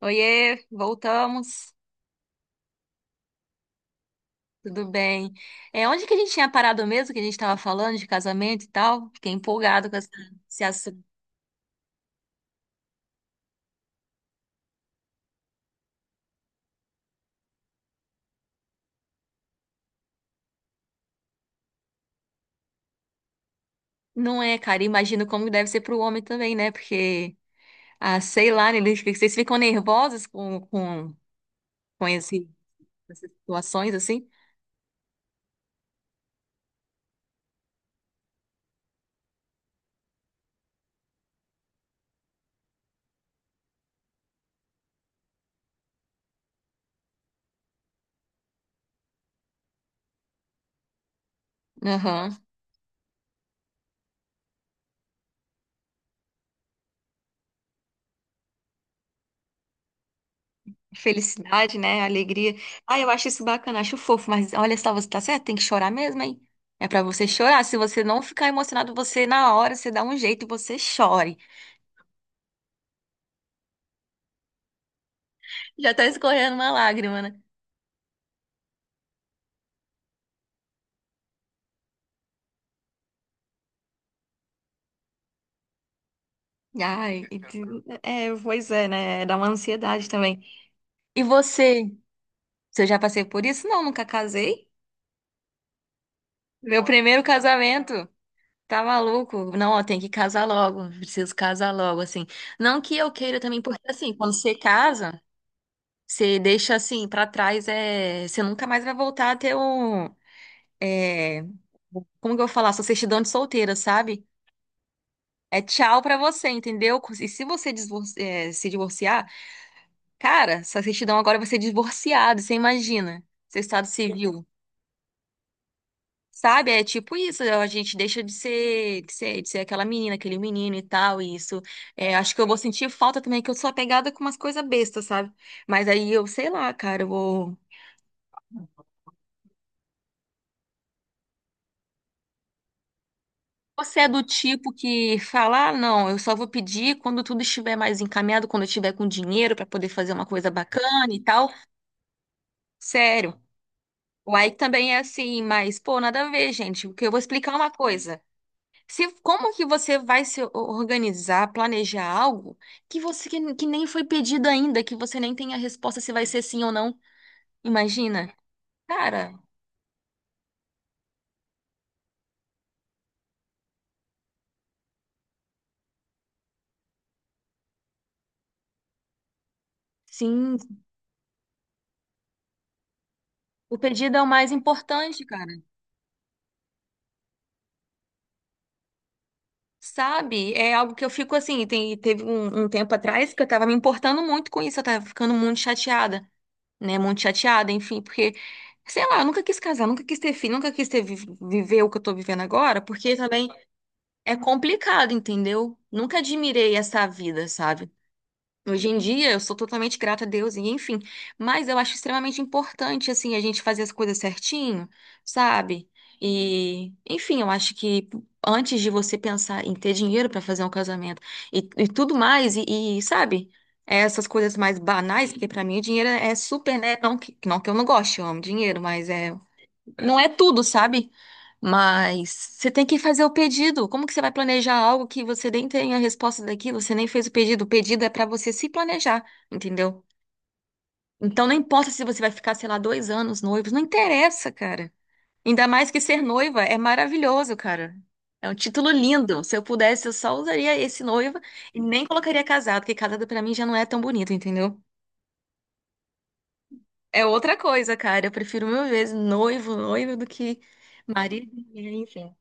Oiê, voltamos. Tudo bem? É, onde que a gente tinha parado mesmo, que a gente estava falando de casamento e tal? Fiquei empolgado com esse assunto. Não é, cara, imagino como deve ser para o homem também, né? Porque, ah, sei lá, né, vocês ficam nervosos com essas situações, assim? Aham. Felicidade, né? Alegria. Ah, eu acho isso bacana, acho fofo, mas olha só, você tá certo, tem que chorar mesmo, hein? É para você chorar. Se você não ficar emocionado, você na hora, você dá um jeito e você chore. Já tá escorrendo uma lágrima, né? Ai, e é, pois é, né? Dá uma ansiedade também. E você? Você já passei por isso? Não, nunca casei. Meu primeiro casamento. Tá maluco? Não, ó, tem que casar logo. Preciso casar logo, assim. Não que eu queira também, porque assim, quando você casa, você deixa assim pra trás, você nunca mais vai voltar a ter um. É... Como que eu vou falar? Sua certidão de solteira, sabe? É tchau pra você, entendeu? E se você se divorciar. Cara, sua certidão agora vai ser divorciado, você imagina. Seu estado civil. Sabe? É tipo isso, a gente deixa de ser, aquela menina, aquele menino e tal, e isso. É, acho que eu vou sentir falta também, que eu sou apegada com umas coisas bestas, sabe? Mas aí eu, sei lá, cara, eu vou. Você é do tipo que fala, ah, não, eu só vou pedir quando tudo estiver mais encaminhado, quando eu tiver com dinheiro pra poder fazer uma coisa bacana e tal. Sério. O Ike também é assim, mas, pô, nada a ver, gente, porque eu vou explicar é uma coisa. Se, como que você vai se organizar, planejar algo que nem foi pedido ainda, que você nem tem a resposta se vai ser sim ou não? Imagina. Cara, sim, o pedido é o mais importante, cara. Sabe? É algo que eu fico assim, teve um tempo atrás que eu tava me importando muito com isso, eu tava ficando muito chateada, né? Muito chateada, enfim, porque sei lá, eu nunca quis casar, nunca quis ter filho, nunca quis ter viver o que eu tô vivendo agora, porque também é complicado, entendeu? Nunca admirei essa vida, sabe? Hoje em dia eu sou totalmente grata a Deus e enfim, mas eu acho extremamente importante assim a gente fazer as coisas certinho, sabe? E enfim, eu acho que antes de você pensar em ter dinheiro pra fazer um casamento e tudo mais sabe? É essas coisas mais banais, porque pra mim o dinheiro é super, né? Não que eu não goste, eu amo dinheiro, mas não é tudo, sabe? Mas você tem que fazer o pedido. Como que você vai planejar algo que você nem tem a resposta daquilo? Você nem fez o pedido. O pedido é pra você se planejar, entendeu? Então não importa se você vai ficar, sei lá, 2 anos noivos, não interessa, cara. Ainda mais que ser noiva é maravilhoso, cara. É um título lindo. Se eu pudesse, eu só usaria esse noiva e nem colocaria casado, porque casado pra mim já não é tão bonito, entendeu? É outra coisa, cara. Eu prefiro mil vezes noivo, noiva do que marido, enfim.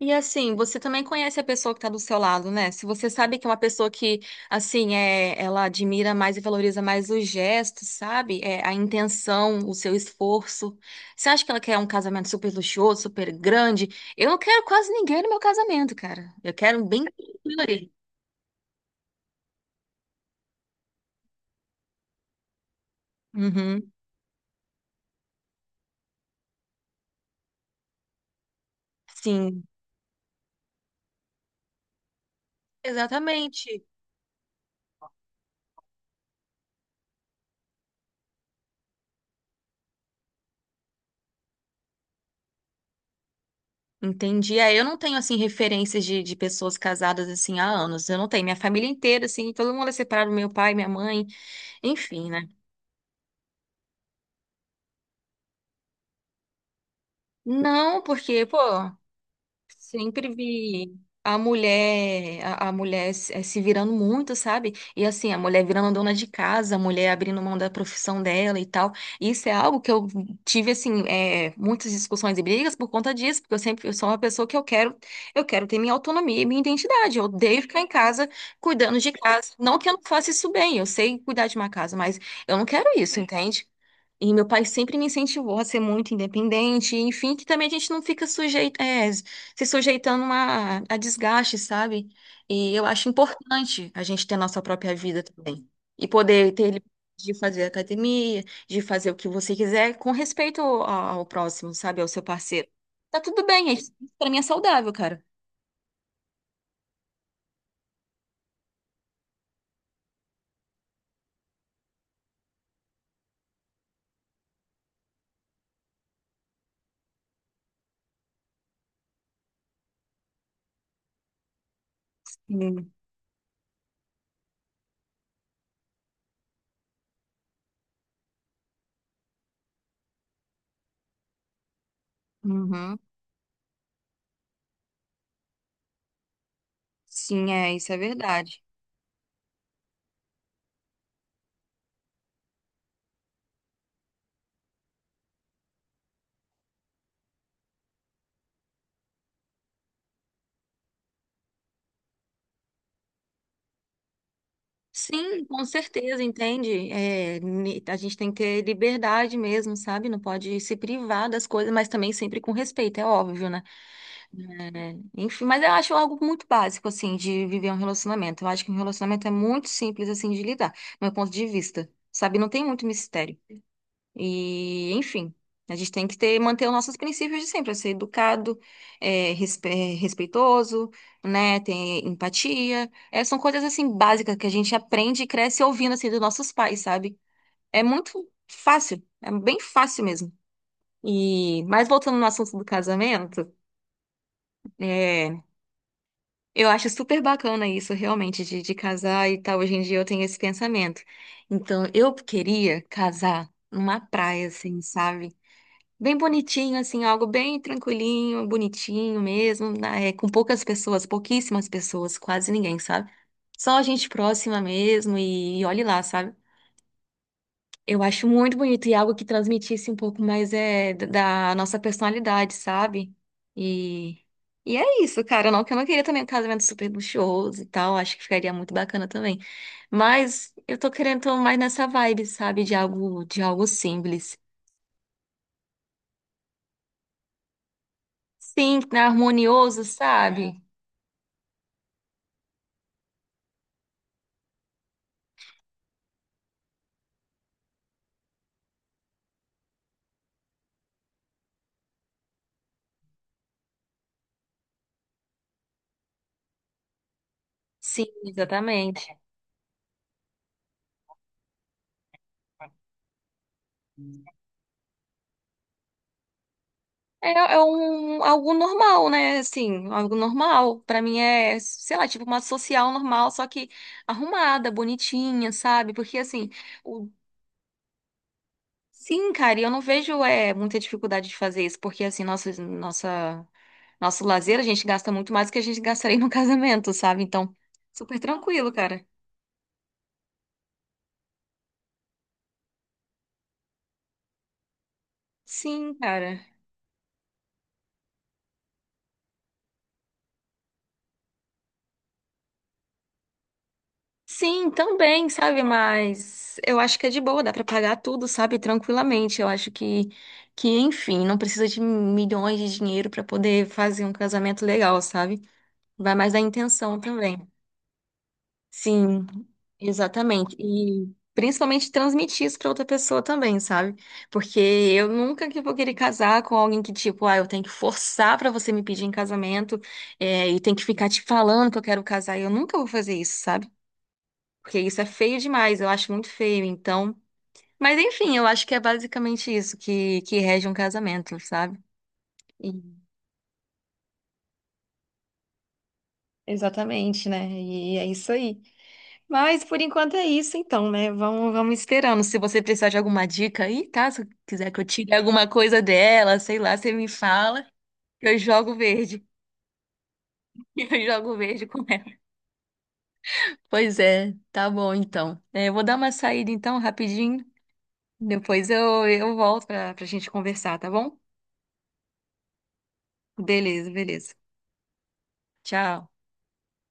E assim, você também conhece a pessoa que está do seu lado, né? Se você sabe que é uma pessoa que, assim, ela admira mais e valoriza mais os gestos, sabe? É, a intenção, o seu esforço. Você acha que ela quer um casamento super luxuoso, super grande? Eu não quero quase ninguém no meu casamento, cara. Eu quero bem tranquilo ali. Uhum. Sim, exatamente. Entendi. É, eu não tenho, assim, referências de pessoas casadas, assim, há anos. Eu não tenho. Minha família inteira, assim, todo mundo é separado, meu pai, minha mãe, enfim, né? Não, porque, pô, sempre vi a mulher, a mulher se virando muito, sabe? E assim, a mulher virando dona de casa, a mulher abrindo mão da profissão dela e tal. Isso é algo que eu tive, assim, muitas discussões e brigas por conta disso, porque eu sou uma pessoa que eu quero, ter minha autonomia e minha identidade. Eu odeio ficar em casa cuidando de casa. Não que eu não faça isso bem, eu sei cuidar de uma casa, mas eu não quero isso, entende? E meu pai sempre me incentivou a ser muito independente, enfim, que também a gente não fica se sujeitando a desgaste, sabe? E eu acho importante a gente ter a nossa própria vida também. E poder ter liberdade de fazer academia, de fazer o que você quiser, com respeito ao próximo, sabe? Ao seu parceiro. Tá tudo bem, é isso pra mim é saudável, cara. Hum. Uhum. Sim, isso é verdade. Sim, com certeza, entende? É, ni- a gente tem que ter liberdade mesmo, sabe? Não pode se privar das coisas, mas também sempre com respeito, é óbvio, né? É, enfim, mas eu acho algo muito básico, assim, de viver um relacionamento. Eu acho que um relacionamento é muito simples, assim, de lidar, do meu ponto de vista. Sabe? Não tem muito mistério. E, enfim, a gente tem que manter os nossos princípios de sempre, é ser educado, é respeitoso, né, ter empatia. É, são coisas, assim, básicas que a gente aprende e cresce ouvindo, assim, dos nossos pais, sabe? É muito fácil, é bem fácil mesmo. E, mas voltando no assunto do casamento, é, eu acho super bacana isso, realmente, de casar e tal. Hoje em dia eu tenho esse pensamento. Então, eu queria casar numa praia, assim, sabe? Bem bonitinho, assim, algo bem tranquilinho, bonitinho mesmo, né, com poucas pessoas, pouquíssimas pessoas, quase ninguém, sabe? Só gente próxima mesmo e olhe lá, sabe? Eu acho muito bonito e algo que transmitisse um pouco mais da nossa personalidade, sabe? E, e é isso, cara. Não que eu não queria também um casamento super luxuoso e tal, acho que ficaria muito bacana também. Mas eu tô mais nessa vibe, sabe? De algo simples. Sim, harmonioso, sabe? Sim, exatamente. É, é algo normal, né? Assim, algo normal. Pra mim é, sei lá, tipo uma social normal, só que arrumada, bonitinha, sabe? Porque assim, o... sim, cara, e eu não vejo muita dificuldade de fazer isso, porque assim, nosso lazer a gente gasta muito mais do que a gente gastaria no casamento, sabe? Então, super tranquilo, cara. Sim, cara. Sim, também, sabe? Mas eu acho que é de boa, dá pra pagar tudo, sabe? Tranquilamente. Eu acho que enfim, não precisa de milhões de dinheiro pra poder fazer um casamento legal, sabe? Vai mais da intenção também. Sim, exatamente. E principalmente transmitir isso pra outra pessoa também, sabe? Porque eu nunca que vou querer casar com alguém que, tipo, ah, eu tenho que forçar pra você me pedir em casamento, e tem que ficar te falando que eu quero casar. Eu nunca vou fazer isso, sabe? Porque isso é feio demais, eu acho muito feio, então. Mas enfim, eu acho que é basicamente isso que rege um casamento, sabe? E- Exatamente, né? E é isso aí. Mas por enquanto é isso, então, né? Vamos esperando. Se você precisar de alguma dica aí, tá? Se quiser que eu tire alguma coisa dela, sei lá, você me fala. Eu jogo verde. Eu jogo verde com ela. Pois é, tá bom então. É, eu vou dar uma saída então, rapidinho. Depois eu volto pra gente conversar, tá bom? Beleza, beleza. Tchau.